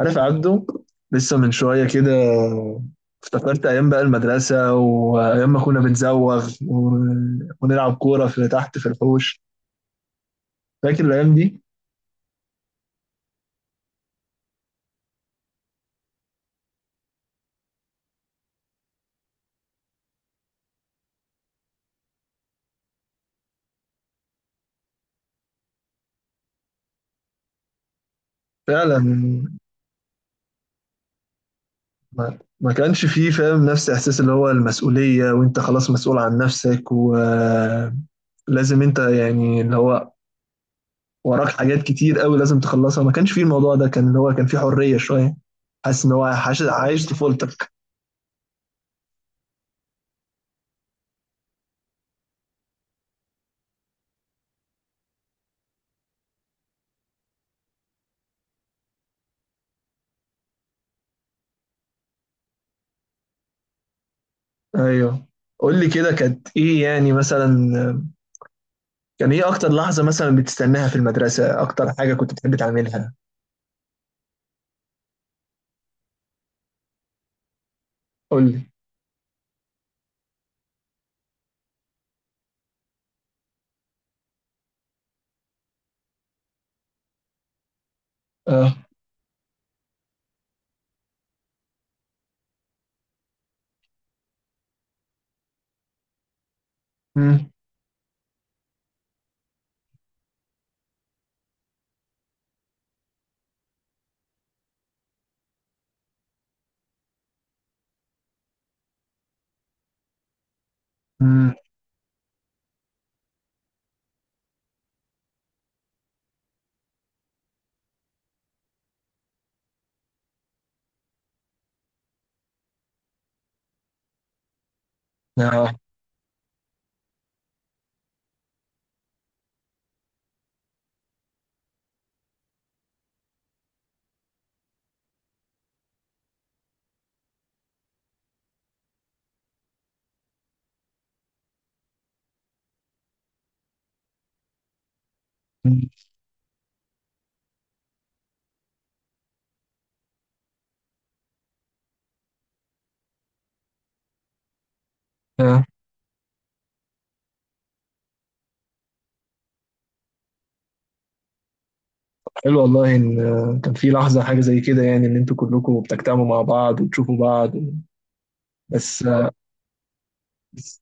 عارف عبده، لسه من شوية كده افتكرت أيام بقى المدرسة وأيام ما كنا بنزوغ ونلعب كورة في تحت في الحوش. فاكر الأيام دي؟ فعلا. ما كانش فيه فاهم نفس إحساس اللي هو المسؤولية، وأنت خلاص مسؤول عن نفسك ولازم أنت يعني اللي هو وراك حاجات كتير قوي لازم تخلصها. ما كانش فيه الموضوع ده، كان اللي هو كان فيه حرية شوية. حاسس إن هو عايش عايش طفولتك. أيوه، قول لي كده، كانت إيه يعني مثلا؟ كان ايه اكتر لحظة مثلا بتستناها في المدرسة؟ اكتر حاجة كنت بتحب تعملها؟ قول لي. اه. امم. امم. اه. مم. آه. حلو والله، ان كان في لحظة حاجة زي كده يعني، ان انتوا كلكم بتجتمعوا مع بعض وتشوفوا بعض و- بس آه، بس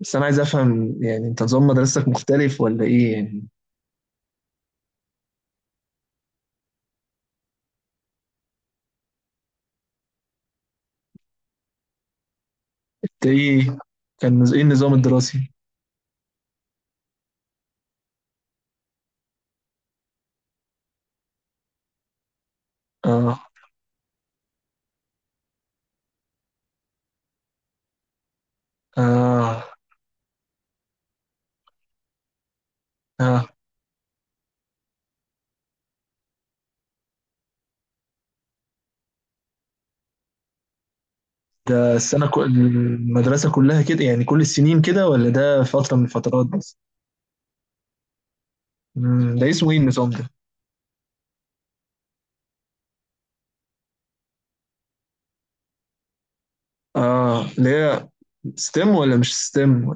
بس انا عايز افهم يعني، انت نظام مدرستك مختلف ولا ايه يعني؟ انت ايه؟ كان ايه النظام الدراسي؟ اه. اه. اه. ده السنة كل المدرسة كلها كده يعني، كل السنين كده، ولا ده فترة من الفترات بس؟ مم. ده اسمه ايه النظام ده؟ اه، اللي هي ستيم ولا مش ستيم؟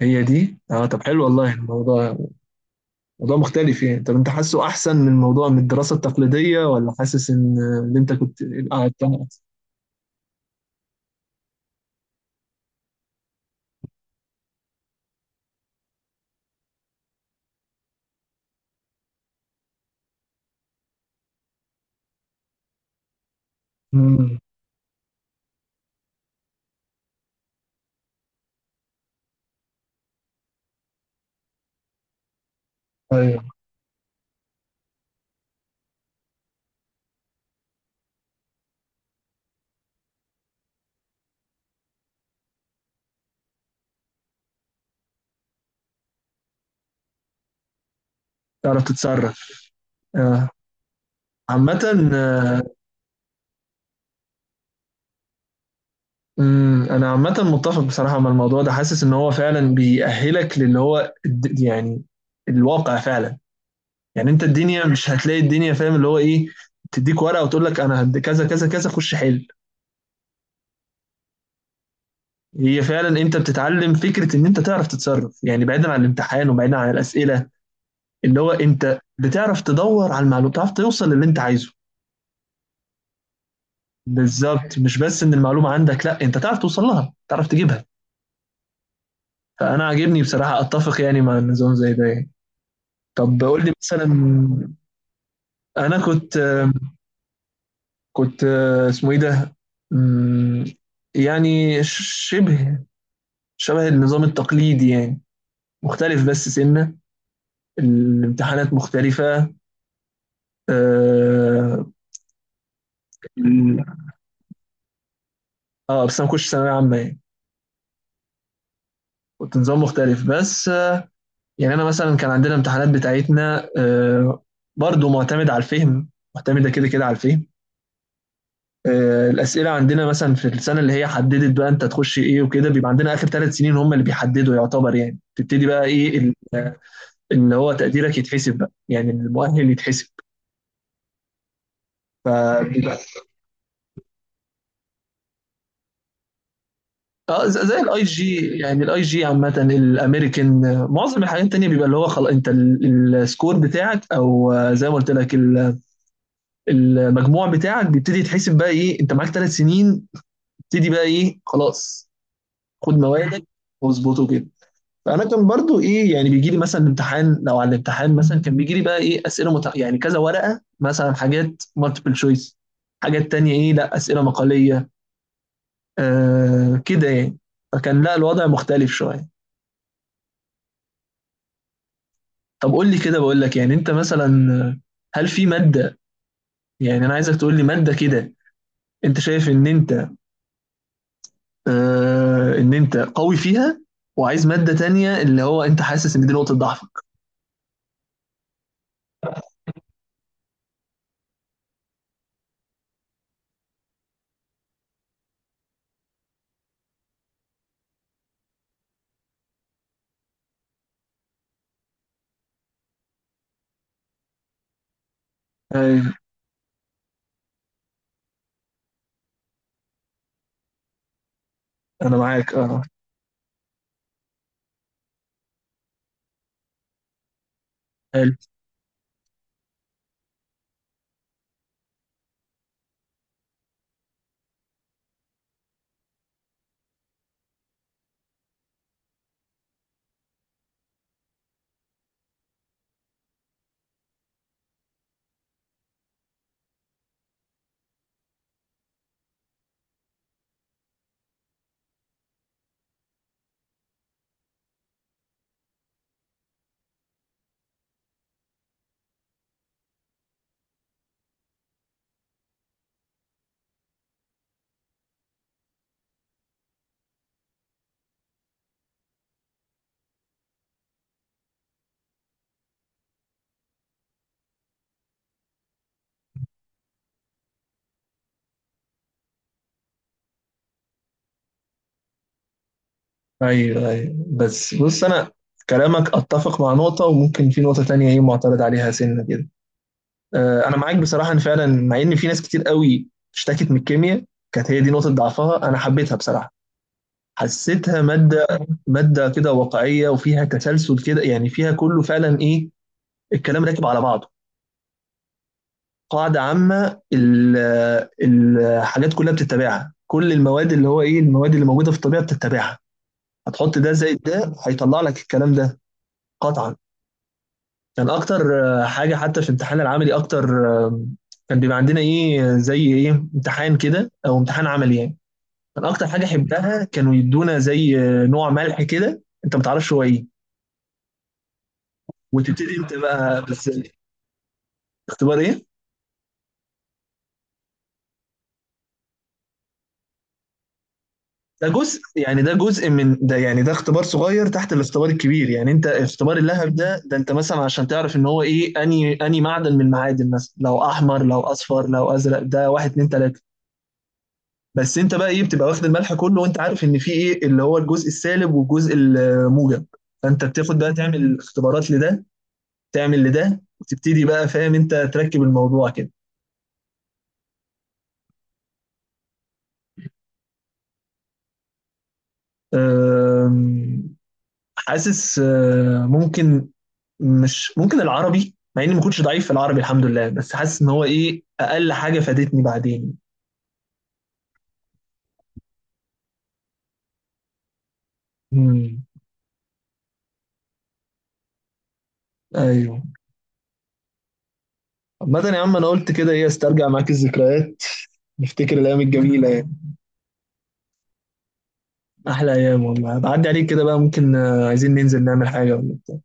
هي دي؟ اه، طب حلو والله. يعني الموضوع موضوع مختلف يعني. طب انت حاسه احسن من الموضوع، من الدراسة التقليدية، ولا حاسس ان اللي انت كنت قعدت؟ امم. ايوه. تعرف تتصرف. آه. عامة. آه، مم. أنا عامة متفق بصراحة مع الموضوع ده، حاسس إن هو فعلا بيأهلك للي هو يعني الواقع فعلا. يعني انت، الدنيا مش هتلاقي الدنيا فاهم اللي هو ايه تديك ورقه وتقول لك انا هد كذا كذا كذا خش حل. هي فعلا، انت بتتعلم فكره ان انت تعرف تتصرف يعني، بعيدا عن الامتحان وبعيدا عن الاسئله، اللي هو انت بتعرف تدور على المعلومه، بتعرف توصل للي انت عايزه. بالظبط. مش بس ان المعلومه عندك، لا انت تعرف توصل لها، تعرف تجيبها. فانا عاجبني بصراحه، اتفق يعني مع النظام زي ده يعني. طب قول لي مثلا، انا كنت اسمه ايه ده. مم. يعني شبه شبه النظام التقليدي يعني، مختلف بس سنة، الامتحانات مختلفة. اه، ال- بس انا ما كنتش ثانوية عامة يعني. كنت نظام مختلف بس، يعني انا مثلا كان عندنا امتحانات بتاعتنا، برضو معتمد على الفهم، معتمدة كده كده على الفهم. الأسئلة عندنا مثلا في السنة اللي هي حددت بقى أنت تخش إيه وكده، بيبقى عندنا آخر 3 سنين هم اللي بيحددوا يعتبر يعني، تبتدي بقى إيه اللي هو تقديرك يتحسب بقى يعني، المؤهل يتحسب. فبيبقى اه، زي الاي جي يعني، الاي جي عامة، الامريكان، معظم الحاجات التانية بيبقى اللي هو خلاص انت السكور بتاعك او، زي ما قلت لك المجموع بتاعك بيبتدي يتحسب بقى ايه، انت معاك 3 سنين، تبتدي بقى ايه، خلاص خد موادك واظبطه كده. فانا كان برضو ايه يعني، بيجي لي مثلا الامتحان، لو على الامتحان مثلا كان بيجي لي بقى ايه اسئله يعني كذا ورقه مثلا، حاجات مالتيبل شويس، حاجات تانية ايه لا اسئله مقاليه، كده يعني. فكان لا الوضع مختلف شويه. طب قول لي كده بقول لك، يعني انت مثلا هل في مادة، يعني انا عايزك تقول لي مادة كده انت شايف ان انت ان انت قوي فيها، وعايز مادة تانية اللي هو انت حاسس ان دي نقطة ضعفك. ايوه. انا معاك اه. حلو. ايوه، ايوه. بس بص انا كلامك اتفق مع نقطة، وممكن في نقطة تانية ايه معترض عليها سنة كده. آه، انا معاك بصراحة ان فعلا مع ان في ناس كتير قوي اشتكت من الكيمياء، كانت هي دي نقطة ضعفها، انا حبيتها بصراحة. حسيتها مادة، مادة كده واقعية وفيها تسلسل كده يعني، فيها كله فعلا ايه، الكلام راكب على بعضه. قاعدة عامة الحاجات كلها بتتبعها، كل المواد اللي هو ايه، المواد اللي موجودة في الطبيعة بتتبعها. هتحط ده زائد ده هيطلع لك الكلام ده. قطعا. كان اكتر حاجة، حتى في الامتحان العملي اكتر، كان بيبقى عندنا ايه زي ايه امتحان كده او امتحان عملي يعني. كان اكتر حاجة حبتها كانوا يدونا زي نوع ملح كده انت ما تعرفش هو ايه، وتبتدي انت بقى بس. اختبار ايه؟ ده جزء يعني، ده جزء من ده يعني، ده اختبار صغير تحت الاختبار الكبير يعني. انت اختبار اللهب ده، ده انت مثلا عشان تعرف ان هو ايه اني معدن من المعادن مثلا، لو احمر لو اصفر لو ازرق، ده واحد اتنين تلاته. بس انت بقى ايه، بتبقى واخد الملح كله وانت عارف ان في ايه اللي هو الجزء السالب والجزء الموجب. فانت بتاخد بقى تعمل اختبارات لده، تعمل لده، وتبتدي بقى فاهم انت تركب الموضوع كده. أم، حاسس ممكن، مش ممكن العربي مع اني ما كنتش ضعيف في العربي الحمد لله، بس حاسس ان هو ايه اقل حاجه فادتني بعدين. امم. ايوه. عامة يا عم انا قلت كده ايه، استرجع معاك الذكريات، نفتكر الايام الجميله يعني. احلى ايام والله. بعدي عليك كده بقى، ممكن عايزين ننزل نعمل حاجه ولا؟